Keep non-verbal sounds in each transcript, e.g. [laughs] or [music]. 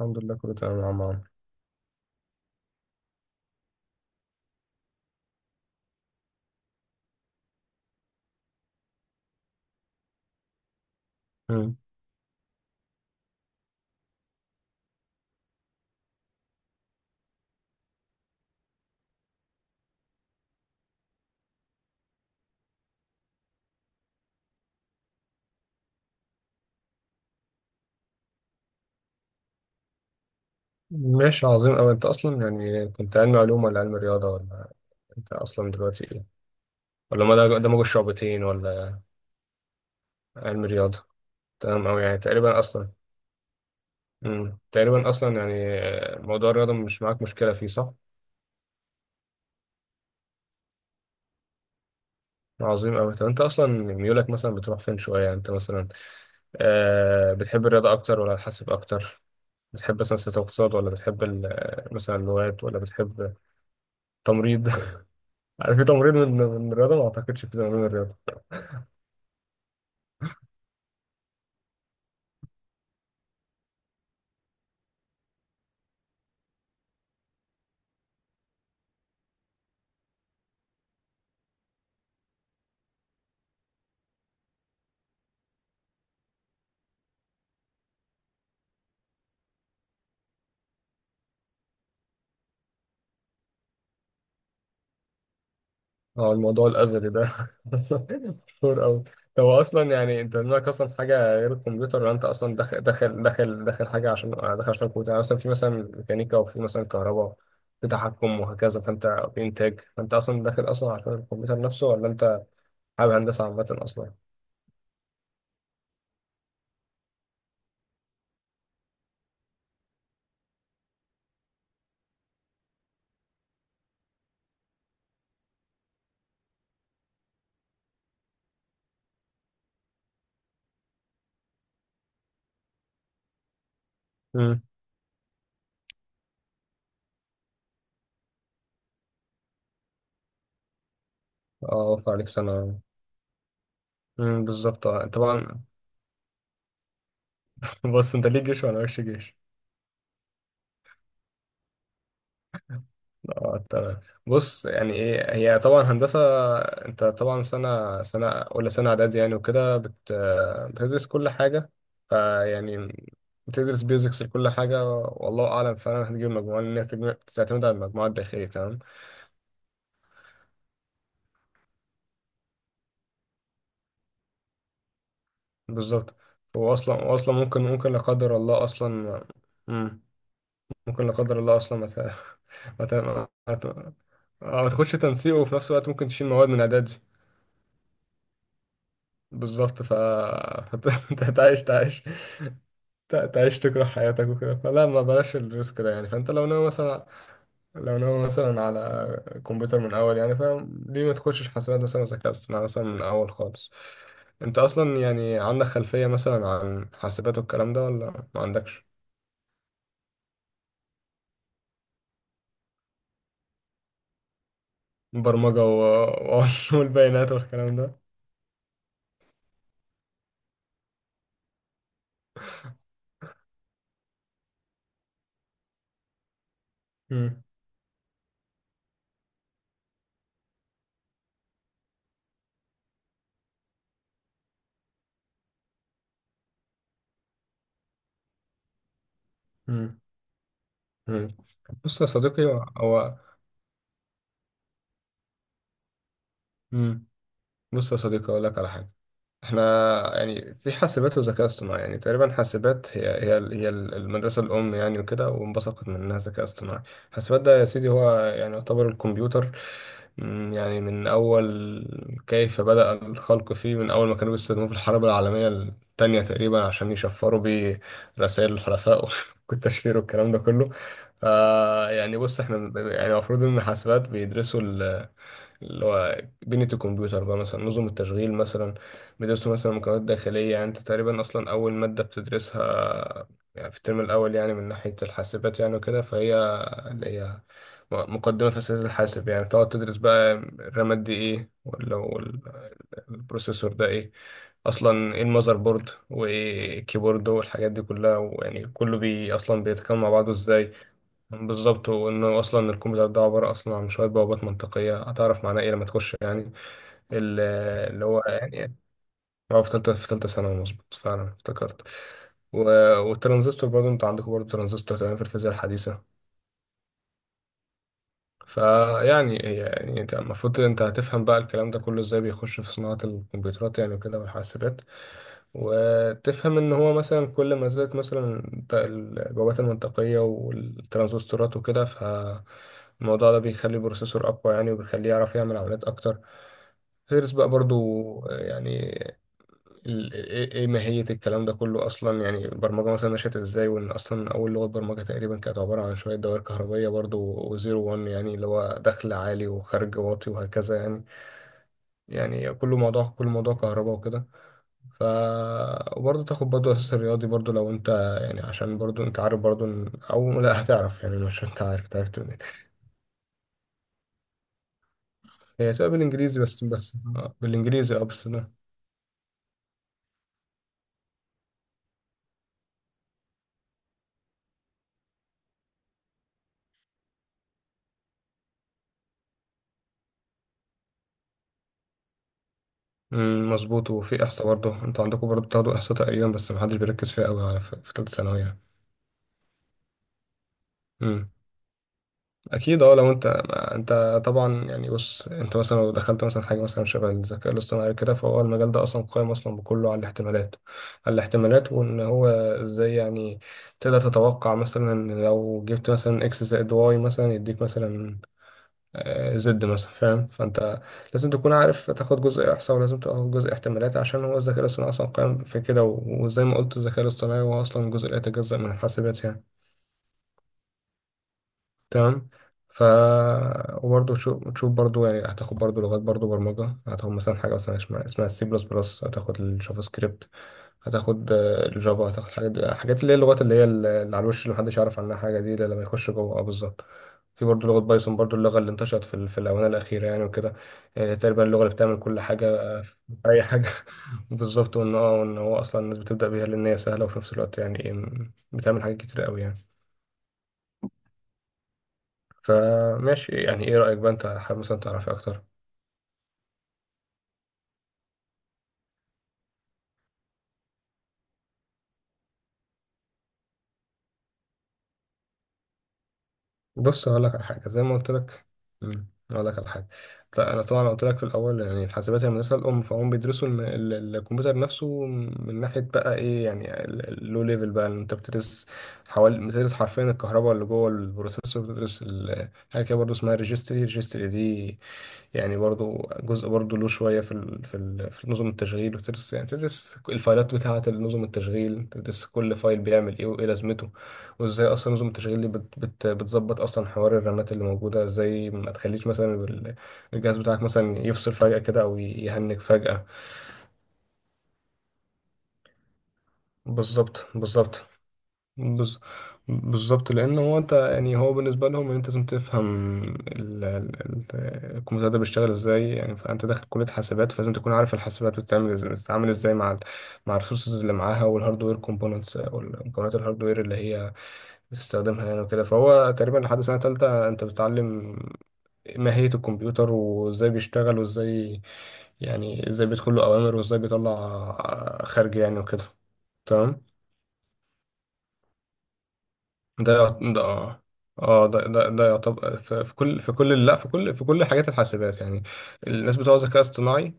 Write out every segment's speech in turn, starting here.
الحمد لله كله تمام يا عم عمرو. مم. ماشي، عظيم أوي. أنت أصلا كنت علم علوم ولا علم رياضة ولا أنت أصلا دلوقتي إيه؟ ولا ما ده دمج الشعبتين ولا علم رياضة. تمام أوي، يعني تقريبا أصلا. مم. تقريبا أصلا يعني. موضوع الرياضة مش معاك مشكلة فيه، صح؟ عظيم أوي. طب أنت أصلا ميولك مثلا بتروح فين شوية؟ يعني أنت مثلا بتحب الرياضة أكتر ولا الحاسب أكتر؟ بتحب مثلا سياسة واقتصاد ولا بتحب مثلا اللغات ولا بتحب تمريض؟ [laughs] عارف، في تمريض من الرياضة؟ ما أعتقدش في تمريض من الرياضة. اه، الموضوع الأزلي ده [laughs] مشهور أوي. طب هو أصلا، يعني أنت دماغك أصلا حاجة غير الكمبيوتر، ولا أنت أصلا داخل حاجة عشان داخل عشان الكمبيوتر؟ يعني مثلا في مثلا ميكانيكا، وفي مثلا كهرباء، في تحكم وهكذا، فأنت في إنتاج. فأنت أصلا داخل أصلا عشان الكمبيوتر نفسه، ولا أنت حابب هندسة عامة أصلا؟ مم. اه، وفى عليك سنة. مم، بالظبط، اه طبعا. [laughs] بص، أنت ليك جيش وأنا ماليش جيش. اه تمام. بص، يعني ايه هي طبعا هندسه؟ انت طبعا سنه سنه، ولا سنه اعدادي يعني وكده، بتدرس كل حاجه. فيعني بتدرس بيزكس لكل حاجه، والله اعلم فعلا هتجيب مجموعه، لان هي تعتمد على المجموعه الداخليه. تمام، بالظبط. واصلا واصلا ممكن لا قدر الله اصلا. مم. ممكن لا قدر الله اصلا ما ت- [laughs] ما ت- ما ت- ما تاخدش تنسيق، وفي نفس الوقت ممكن تشيل مواد من اعدادي. بالظبط. ف فانت هتعيش [laughs] تعيش تعيش تكره حياتك وكده، فلا ما بلاش الريسك ده يعني. فانت لو ناوي مثلا، لو ناوي مثلا على كمبيوتر من اول، يعني فاهم ليه ما تخشش حاسبات مثلا وذكاء اصطناعي مثلا من اول خالص؟ انت اصلا يعني عندك خلفية مثلا عن حاسبات والكلام ده، ولا ما عندكش؟ برمجة و... [laughs] والبيانات والكلام ده. مم. مم. مم. بص يا صديقي، مم. بص يا صديقي، اقول لك على حاجة. احنا يعني في حاسبات وذكاء اصطناعي، يعني تقريبا حاسبات هي المدرسة الأم يعني وكده، وانبثقت منها ذكاء اصطناعي. حاسبات ده يا سيدي هو يعني يعتبر الكمبيوتر. مم، يعني من أول كيف بدأ الخلق فيه، من أول ما كانوا بيستخدموه في الحرب العالمية التانية تقريبا عشان يشفروا بيه رسائل الحلفاء [laughs] والتشفير والكلام ده كله. آه يعني بص، احنا يعني المفروض إن حاسبات بيدرسوا اللي هو بنية الكمبيوتر بقى، مثلا نظم التشغيل مثلا، بندرسه مثلا مكونات داخلية. يعني انت تقريبا اصلا اول مادة بتدرسها، يعني في الترم الاول يعني من ناحية الحاسبات يعني وكده، فهي اللي هي مقدمة في أساس الحاسب. يعني تقعد تدرس بقى الرامات دي ايه، البروسيسور ده ايه، اصلا ايه المذر بورد، وايه الكيبورد والحاجات دي كلها، ويعني كله بي اصلا بيتكلم مع بعضه ازاي. بالظبط، وانه اصلا الكمبيوتر ده عباره اصلا عن شويه بوابات منطقيه، هتعرف معناه ايه لما تخش يعني ال- اللي هو يعني. هو في ثالثه، في ثالثه ثانوي، مظبوط، فعلا افتكرت. و- والترانزستور برضه، انت عندكم برضه ترانزستور تمام في الفيزياء الحديثه. فيعني، يعني انت المفروض انت هتفهم بقى الكلام ده كله ازاي بيخش في صناعه الكمبيوترات يعني وكده والحاسبات. وتفهم ان هو مثلا كل ما زادت مثلا البوابات المنطقية والترانزستورات وكده، فالموضوع ده بيخلي البروسيسور اقوى يعني، وبيخليه يعرف يعمل عمليات اكتر. تدرس بقى برضو يعني ال- ايه إيه ماهية الكلام ده كله اصلا. يعني البرمجة مثلا نشأت ازاي، وان اصلا اول لغة برمجة تقريبا كانت عبارة عن شوية دوائر كهربية برضو، وزيرو وان، يعني اللي هو دخل عالي وخارج واطي وهكذا يعني. يعني كله موضوع، كل موضوع كهرباء وكده. ف وبرضه تاخد برضه اساس الرياضي برضه لو انت، يعني عشان برضه انت عارف برضه او لا هتعرف، يعني مش انت عارف تعرف منين. هي تبقى بالانجليزي بس بالانجليزي اه، بس ده. أمم، مظبوط. وفي احصاء برضه، انتوا عندكم برضه بتاخدوا احصاء تقريبا، بس محدش بيركز فيها قوي على في في تالتة ثانوي يعني. اكيد اه، لو انت ما انت طبعا، يعني بص انت مثلا لو دخلت مثلا حاجه مثلا شبه الذكاء الاصطناعي كده، فهو المجال ده اصلا قائم اصلا بكله على الاحتمالات، على الاحتمالات. وان هو ازاي يعني تقدر تتوقع مثلا لو جبت مثلا اكس زائد واي مثلا يديك مثلا زد مثلا، فاهم؟ فانت لازم تكون عارف تاخد جزء احصاء، ولازم تاخد جزء احتمالات، عشان هو الذكاء الاصطناعي اصلا قائم في كده. و- وزي ما قلت، الذكاء الاصطناعي هو اصلا جزء لا يتجزأ من الحاسبات يعني. تمام. ف وبرضه تشوف، تشوف يعني هتاخد برضه لغات برضه برمجة. هتاخد مثلا حاجة مثلا اسمها السي بلس بلس، هتاخد الجافا سكريبت، هتاخد الجافا، هتاخد حاجات اللي هي اللغات اللي هي اللي على الوش، اللي محدش يعرف عنها حاجة دي إلا لما يخش جوه. بالظبط. في برضه لغة بايثون برضه، اللغة اللي انتشرت في في الآونة الأخيرة يعني وكده. يعني تقريبا اللغة اللي بتعمل كل حاجة، أي حاجة. [laughs] بالظبط. وإن اه، وإن هو أصلا الناس بتبدأ بيها، لأن هي سهلة، وفي نفس الوقت يعني بتعمل حاجات كتير قوي يعني. فماشي. يعني ايه رأيك بقى، انت حابب مثلا تعرف اكتر؟ بص هقول لك على حاجه، زي ما قلت لك. امم، هقول لك على حاجه. انا طبعا قلت لي في الاول يعني الحاسبات هي المدرسه الام، فهم بيدرسوا الكمبيوتر نفسه، من ناحيه بقى ايه يعني اللو ليفل بقى، إن انت بتدرس حوالي، بتدرس حرفيا الكهرباء اللي جوه البروسيسور. بتدرس حاجه كده برضه اسمها ريجستري. ريجستري دي يعني برضو جزء برضو له شوية في ال في ال في نظم التشغيل. وتدرس يعني تدرس الفايلات بتاعة نظم التشغيل، تدرس كل فايل بيعمل ايه وايه لازمته، وازاي اصلا نظم التشغيل دي بت بت بتظبط اصلا حوار الرامات اللي موجوده ازاي، ما تخليش مثلا الجهاز بتاعك مثلا يفصل فجاه كده او يهنج فجاه. بالظبط بز... بالظبط، لان هو انت يعني هو بالنسبه لهم ان انت لازم تفهم الكمبيوتر ده بيشتغل ازاي يعني. فانت داخل كليه حاسبات، فلازم تكون عارف الحاسبات بتتعمل ازاي، بتتعامل ازاي مع مع الريسورسز اللي معاها، والهاردوير كومبوننتس او المكونات الهاردوير اللي هي بتستخدمها يعني وكده. فهو تقريبا لحد سنه تالتة انت بتتعلم ماهيه الكمبيوتر، وازاي بيشتغل، وازاي يعني ازاي بيدخل له اوامر، وازاي بيطلع خارج يعني وكده. تمام. ده يعت- ده اه اه ده ده يعتبر في في كل في كل، لا في كل، في كل حاجات الحاسبات يعني. الناس بتوع الذكاء الاصطناعي،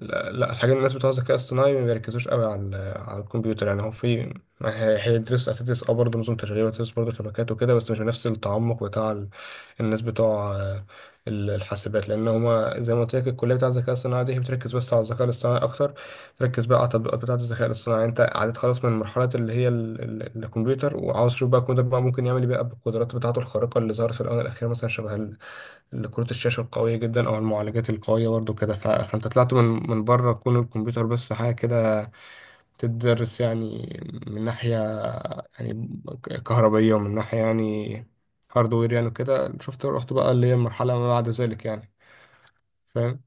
لا, الحاجات، الناس بتوع الذكاء الاصطناعي ما بيركزوش قوي على على الكمبيوتر. يعني هو في ما هي- هتدرس اه برضه نظم تشغيل، وتدرس برضه شبكات وكده، بس مش بنفس التعمق بتاع الناس بتوع الحاسبات. لان هما زي ما قلت لك، الكليه بتاع الذكاء الاصطناعي دي، هي بتركز بس على الذكاء الاصطناعي اكتر، بتركز بقى على التطبيقات بتاعه الذكاء الاصطناعي. يعني انت عديت خلاص من مرحله اللي هي الكمبيوتر، وعاوز تشوف بقى الكمبيوتر بقى ممكن يعمل ايه بقى بالقدرات بتاعته الخارقه اللي ظهرت في الاونه الاخيره، مثلا شبه لكروت الشاشة القوية جدا، أو المعالجات القوية برضو كده. فأنت طلعت من من بره كون الكمبيوتر بس حاجة كده تدرس يعني، من ناحية يعني كهربية، ومن ناحية يعني هاردوير يعني وكده. شفت؟ رحت بقى اللي هي المرحلة ما بعد ذلك يعني، فاهم؟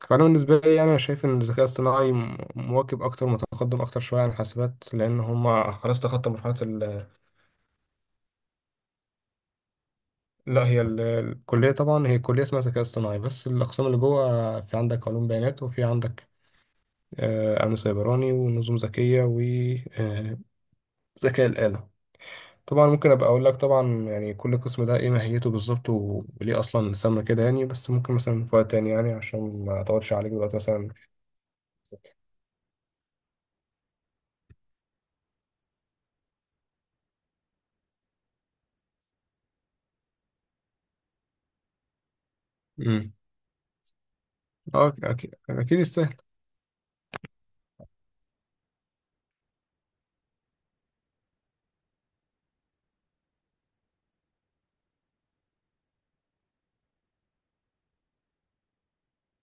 فأنا بالنسبة لي، يعني أنا شايف إن الذكاء الاصطناعي مواكب أكتر، متقدم أكتر شوية عن الحاسبات، لأن هما خلاص تخطوا مرحلة ال. لا، هي الكلية طبعا، هي كلية اسمها ذكاء اصطناعي، بس الأقسام اللي جوه في عندك علوم بيانات، وفي عندك أمن سيبراني، ونظم ذكية، وذكاء الآلة. طبعا ممكن أبقى أقول لك طبعا، يعني كل قسم ده إيه ماهيته بالظبط، وليه أصلا سمى كده يعني، بس ممكن مثلا في وقت تاني يعني عشان ما أطولش عليك دلوقتي مثلا. امم. اه، اكيد يستاهل.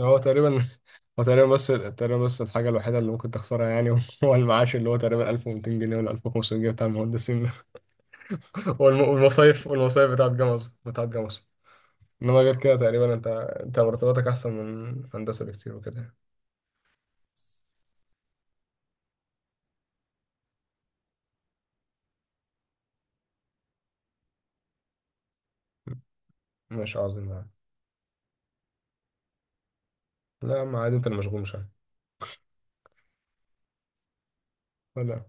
هو تقريبا [laughs] هو تقريبا بس، تقريبا بس الحاجه الوحيده اللي ممكن تخسرها يعني [laughs] هو المعاش، اللي هو تقريبا 1200 جنيه ولا 1500 جنيه بتاع المهندسين. [laughs] والمصايف بتاعت جمص، بتاعت جمص. انما غير كده تقريبا انت، انت مرتباتك احسن من هندسه بكتير وكده. ماشي، عظيم يعني. لا يا عم عادي، انت اللي مشغول مش انا. لا لا.